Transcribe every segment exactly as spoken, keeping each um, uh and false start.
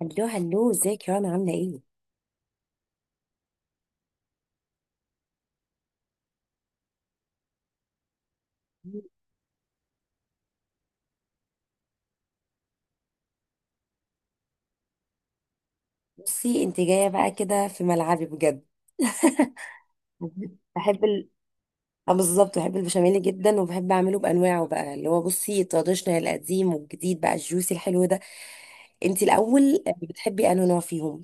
هلو هلو، ازيك يا رنا؟ عاملة ايه؟ بصي انت جاية بقى كده في ملعبي بجد. بحب ال... اه، بالظبط، بحب البشاميل جدا وبحب اعمله بانواعه بقى، اللي هو بصي التراديشنال القديم والجديد، بقى الجوسي الحلو ده. انت الاول آه، بتحبي انه نوع فيهم؟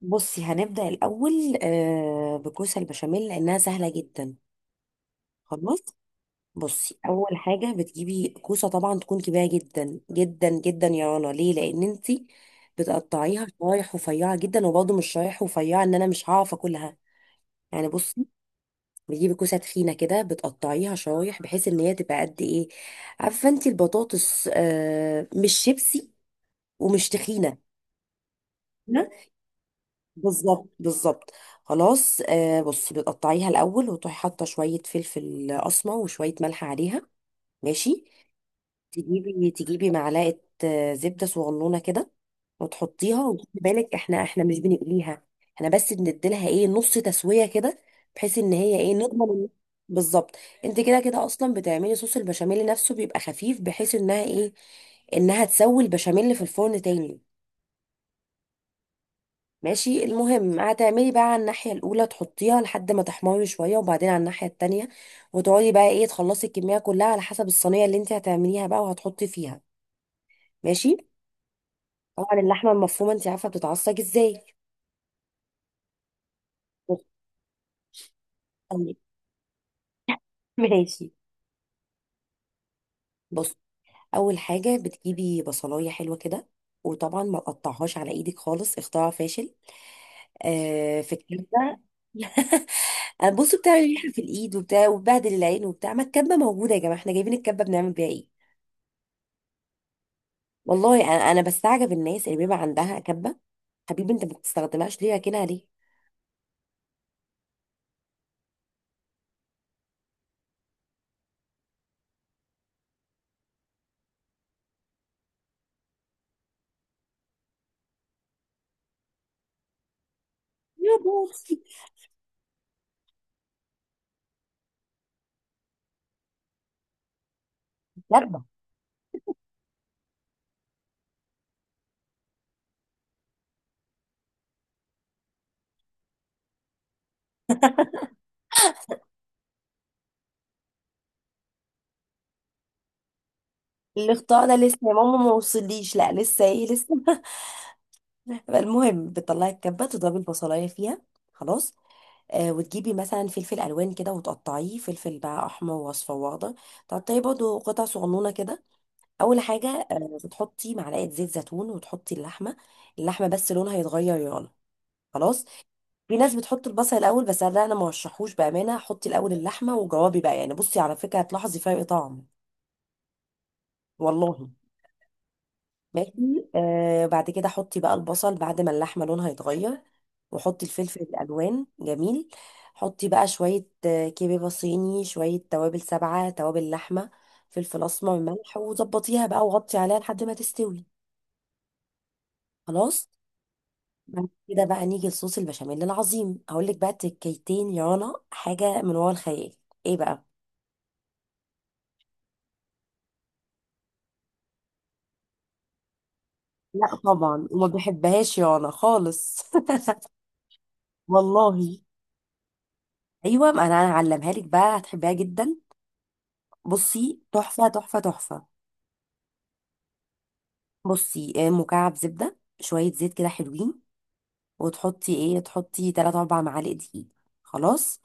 بصي هنبدأ الاول آه بكوسة البشاميل لانها سهلة جدا. خلاص، بصي اول حاجه بتجيبي كوسه، طبعا تكون كبيره جدا جدا جدا يا رنا. ليه؟ لان انت بتقطعيها شرايح رفيعه جدا، وبرضه مش شرايح رفيعه ان انا مش هعرف اكلها. يعني بصي، بتجيبي كوسه تخينه كده، بتقطعيها شرايح بحيث ان هي تبقى قد ايه؟ عارفه انت البطاطس؟ آه، مش شيبسي ومش تخينه. لا؟ بالظبط بالظبط. خلاص، آه بصي بتقطعيها الاول وتروحي حاطه شويه فلفل اسمر وشويه ملح عليها. ماشي، تجيبي تجيبي معلقة آه، زبدة صغنونة كده وتحطيها، وخدي بالك، احنا احنا مش بنقليها، احنا بس بنديلها ايه، نص تسوية كده، بحيث ان هي ايه، نضمن إن- بالظبط. انت كده كده اصلا بتعملي صوص البشاميل نفسه بيبقى خفيف، بحيث انها ايه، انها تسوي البشاميل في الفرن تاني. ماشي، المهم هتعملي بقى على الناحية الأولى، تحطيها لحد ما تحمر شوية وبعدين على الناحية التانية، وتقعدي بقى ايه تخلصي الكمية كلها على حسب الصينية اللي انت هتعمليها بقى وهتحطي فيها. ماشي، طبعا اللحمه المفرومه انت عارفه بتتعصج ازاي؟ بتستني. ماشي، بص، اول حاجه بتجيبي بصلايه حلوه كده، وطبعا ما تقطعهاش على ايدك خالص، اختراع فاشل. آه، في الكبه. بصوا، بتعمل ريحه في الايد وبتاع، وبهدل العين وبتاع، ما الكبه موجوده يا جماعه، احنا جايبين الكبه بنعمل بيها ايه؟ والله انا انا بستعجب الناس اللي بيبقى عندها كبه، حبيبي انت ما بتستخدمهاش ليه؟ راكنها ليه؟ يا بابا. كبه. الاختراع ده لسه يا ماما ما وصليش، لا لسه ايه لسه. المهم، بتطلعي الكبه تضربي البصلايه فيها، خلاص. آه، وتجيبي مثلا فلفل الوان كده وتقطعيه، فلفل بقى احمر واصفر واخضر، تقطعيه برضه قطع صغنونه كده. اول حاجه آه، بتحطي معلقه زيت زيتون وتحطي اللحمه، اللحمه بس لونها يتغير، يلا خلاص. في ناس بتحط البصل الاول، بس لا انا ما رشحوش بامانه، حطي الاول اللحمه وجوابي بقى، يعني بصي على فكره هتلاحظي فرق طعم، والله. ماشي، آه بعد كده حطي بقى البصل بعد ما اللحمة لونها يتغير، وحطي الفلفل الألوان، جميل. حطي بقى شوية آه، كبيبة صيني، شوية توابل، سبعة توابل لحمة، فلفل أسمر، ملح، وظبطيها بقى وغطي عليها لحد ما تستوي، خلاص. بعد كده بقى نيجي لصوص البشاميل العظيم، أقول لك بقى تكيتين يا رنا حاجة من ورا الخيال. إيه بقى؟ لا طبعا وما بحبهاش يا رنا خالص. والله. ايوه ما انا هعلمها لك بقى، هتحبيها جدا، بصي تحفة تحفة تحفة. بصي آه، مكعب زبدة، شوية زيت كده، حلوين، وتحطي ايه، تحطي تلات أربع معالق دقيق. خلاص،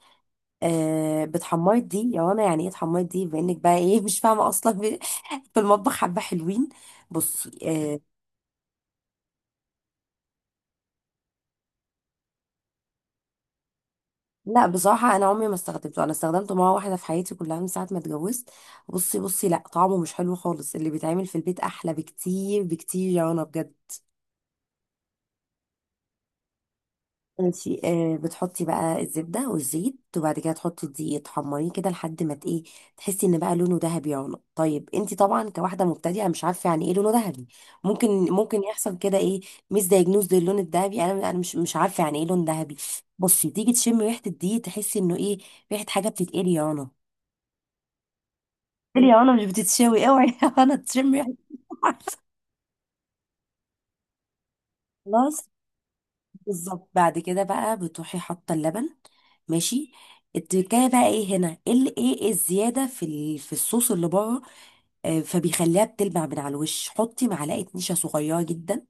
آه بتحمري دي يا رنا، يعني ايه تحمري دي، بما انك بقى ايه مش فاهمة اصلا في في المطبخ، حبة حلوين. بصي آه، لا بصراحة انا عمري ما استخدمته، انا استخدمته مرة واحدة في حياتي كلها من ساعة ما اتجوزت. بصي بصي، لا طعمه مش حلو خالص، اللي بيتعمل في البيت احلى بكتير بكتير يا رنا بجد. ماشي، آه بتحطي بقى الزبدة والزيت وبعد كده تحطي الدقيق، تحمريه كده لحد ما ت- ايه، تحسي ان بقى لونه ذهبي. يعلى طيب انت طبعا كواحدة مبتدئة مش عارفة يعني ايه لونه ذهبي، ممكن ممكن يحصل كده ايه، مش دايجنوز للون الذهبي، انا انا مش مش عارفة يعني ايه لون ذهبي. بصي، تيجي تشمي ريحة الدقيق تحسي انه ايه، ريحة حاجة بتتقلي يا رنا، بتتقلي يا رنا مش بتتشوي، اوعي يا رنا تشمي ريحة. خلاص، بالظبط. بعد كده بقى بتروحي حاطه اللبن، ماشي. التكايه بقى ايه هنا، ايه ال- ايه إيه الزياده في ال- في الصوص اللي بره، آه، فبيخليها بتلمع من على الوش. حطي معلقه نشا صغيره جدا،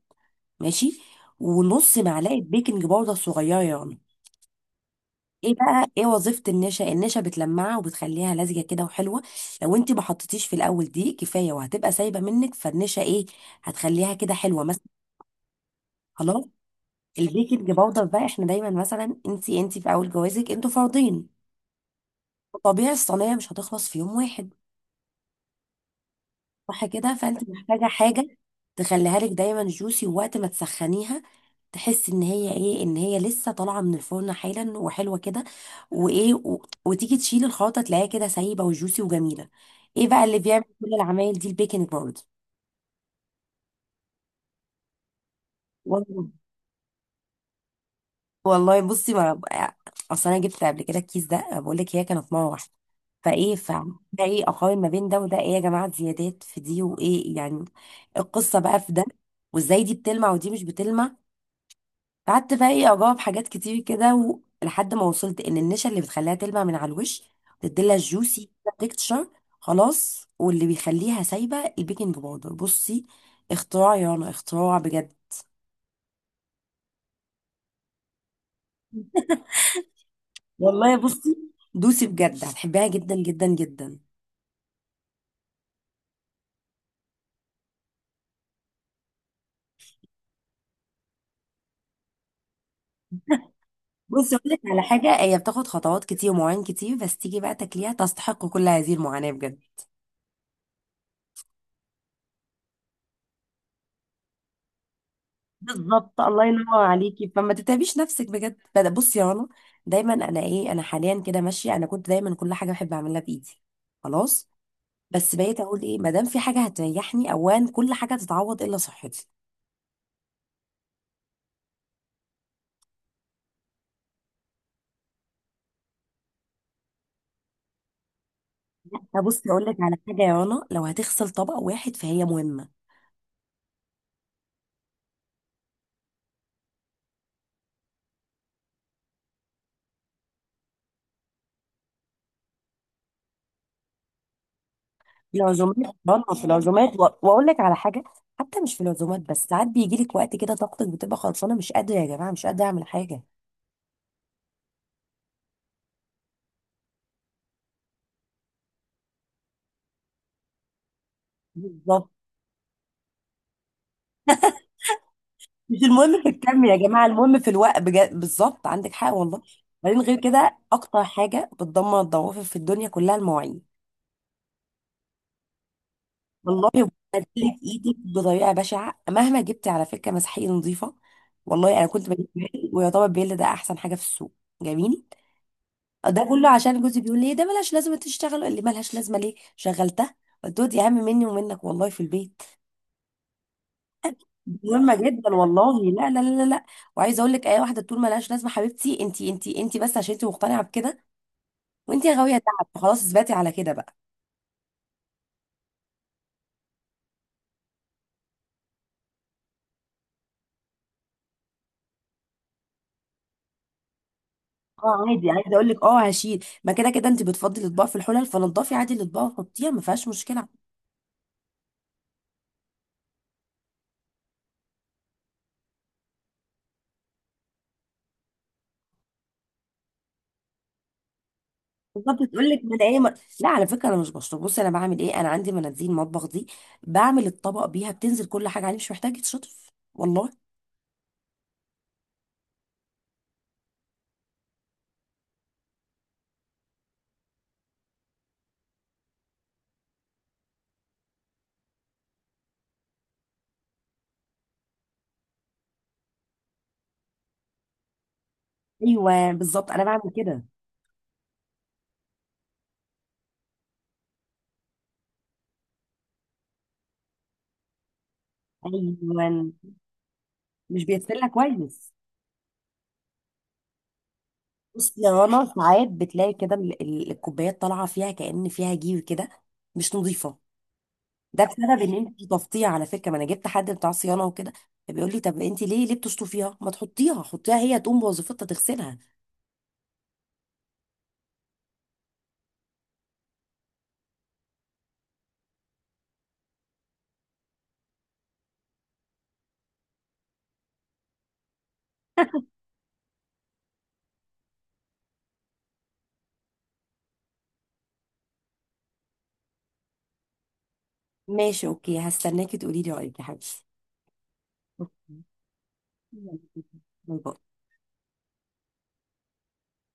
ماشي، ونص معلقه بيكنج باودر صغيره يعني. ايه بقى ايه وظيفه النشا، النشا بتلمعها وبتخليها لزجه كده وحلوه، لو انت ما حطيتيش في الاول دي كفايه وهتبقى سايبه منك، فالنشا ايه، هتخليها كده حلوه مثلا. خلاص. البيكنج باودر بقى، احنا دايما مثلا انتي انتي في اول جوازك انتوا فردين، طبيعي الصينيه مش هتخلص في يوم واحد، صح كده؟ فانت محتاجه حاجه تخليها لك دايما جوسي، ووقت ما تسخنيها تحس ان هي ايه، ان هي لسه طالعه من الفرن حالا وحلوه كده، وايه و... وتيجي تشيل الخلطه تلاقيها كده سايبه وجوسي وجميله. ايه بقى اللي بيعمل كل العمايل دي؟ البيكنج باودر. والله بصي ما أنا- اصل انا جبت قبل كده الكيس ده، بقول لك هي كانت مره واحده، فايه ف ده ايه، اقارن ما بين ده وده، ايه يا جماعه، زيادات في دي وايه يعني. القصه بقى في ده، وازاي دي بتلمع ودي مش بتلمع. قعدت بقى ايه اجاوب حاجات كتير كده و... لحد ما وصلت ان النشا اللي بتخليها تلمع من على الوش، تديلها الجوسي، تكتشر. خلاص، واللي بيخليها سايبه البيكنج باودر. بصي اختراع يا رنا، اختراع بجد. والله بصي، دوسي بجد هتحبيها جدا جدا جدا. بص اقول لك على حاجه، هي بتاخد خطوات كتير ومواعين كتير بس تيجي بقى تاكليها تستحق كل هذه المعاناه بجد. بالظبط، الله ينور عليكي، فما تتعبيش نفسك بجد. بدأ- بصي يا رنا، دايما انا ايه، انا حاليا كده ماشيه، انا كنت دايما كل حاجه بحب اعملها بايدي، خلاص. بس بقيت اقول ايه، ما دام في حاجه هتريحني اوان، كل حاجه تتعوض الا صحتي. فبصي اقول لك على حاجه يا رنا، لو هتغسل طبق واحد فهي مهمه. العزومات، بره في العزومات و- واقول لك على حاجه، حتى مش في العزومات بس، ساعات بيجي لك وقت كده طاقتك بتبقى خلصانه مش قادره، يا جماعه مش قادره اعمل حاجه. بالظبط، مش المهم في الكم يا جماعه، المهم في الوقت بجد، بالظبط عندك حق والله. بعدين غير كده، اكتر حاجه بتدمر الضوافر في الدنيا كلها المواعين، والله بتبهدلك ايدك بطريقه بشعه، مهما جبتي على فكره مسحيق نظيفه. والله انا كنت بجيب بيل، ويعتبر بيل ده احسن حاجه في السوق، جميل. ده كله عشان جوزي بيقول لي إيه؟ ده ملهاش لازمه تشتغل، قال لي ملهاش لازمه، ليه شغلتها؟ قلت له دي اهم مني ومنك والله في البيت، دي مهمه جدا والله، لا لا لا لا لا. وعايزه اقول لك، اي واحده تقول ملهاش لازمه، حبيبتي انت انت انت بس عشان انت مقتنعه بكده، وانت يا غاويه تعب خلاص اثبتي على كده بقى. اه عادي، عايزه اقول لك، اه هشيل، ما كده كده انت بتفضي الاطباق في الحلل، فنضفي عادي الاطباق وحطيها ما فيهاش مشكله. بالظبط، تقول لك من ايه مر... لا، على فكره انا مش بشطب، بصي انا بعمل ايه، انا عندي مناديل مطبخ دي، بعمل الطبق بيها، بتنزل كل حاجه عليه، مش محتاجه تشطف والله. ايوه بالظبط انا بعمل كده. ايوه مش بيغسلها كويس. بصي يا رنا، ساعات بتلاقي كده ال- ال- الكوبايات طالعه فيها كأن فيها جير كده، مش نظيفه. ده بسبب ان انت تفطيها على فكره، ما انا جبت حد بتاع صيانه وكده، بيقول لي طب انت ليه ليه بتشطفيها، ما تحطيها، حطيها هي تقوم بوظيفتها تغسلها. ماشي، اوكي هستناكي تقولي لي رايك يا حبيبتي. أوكي. باي باي.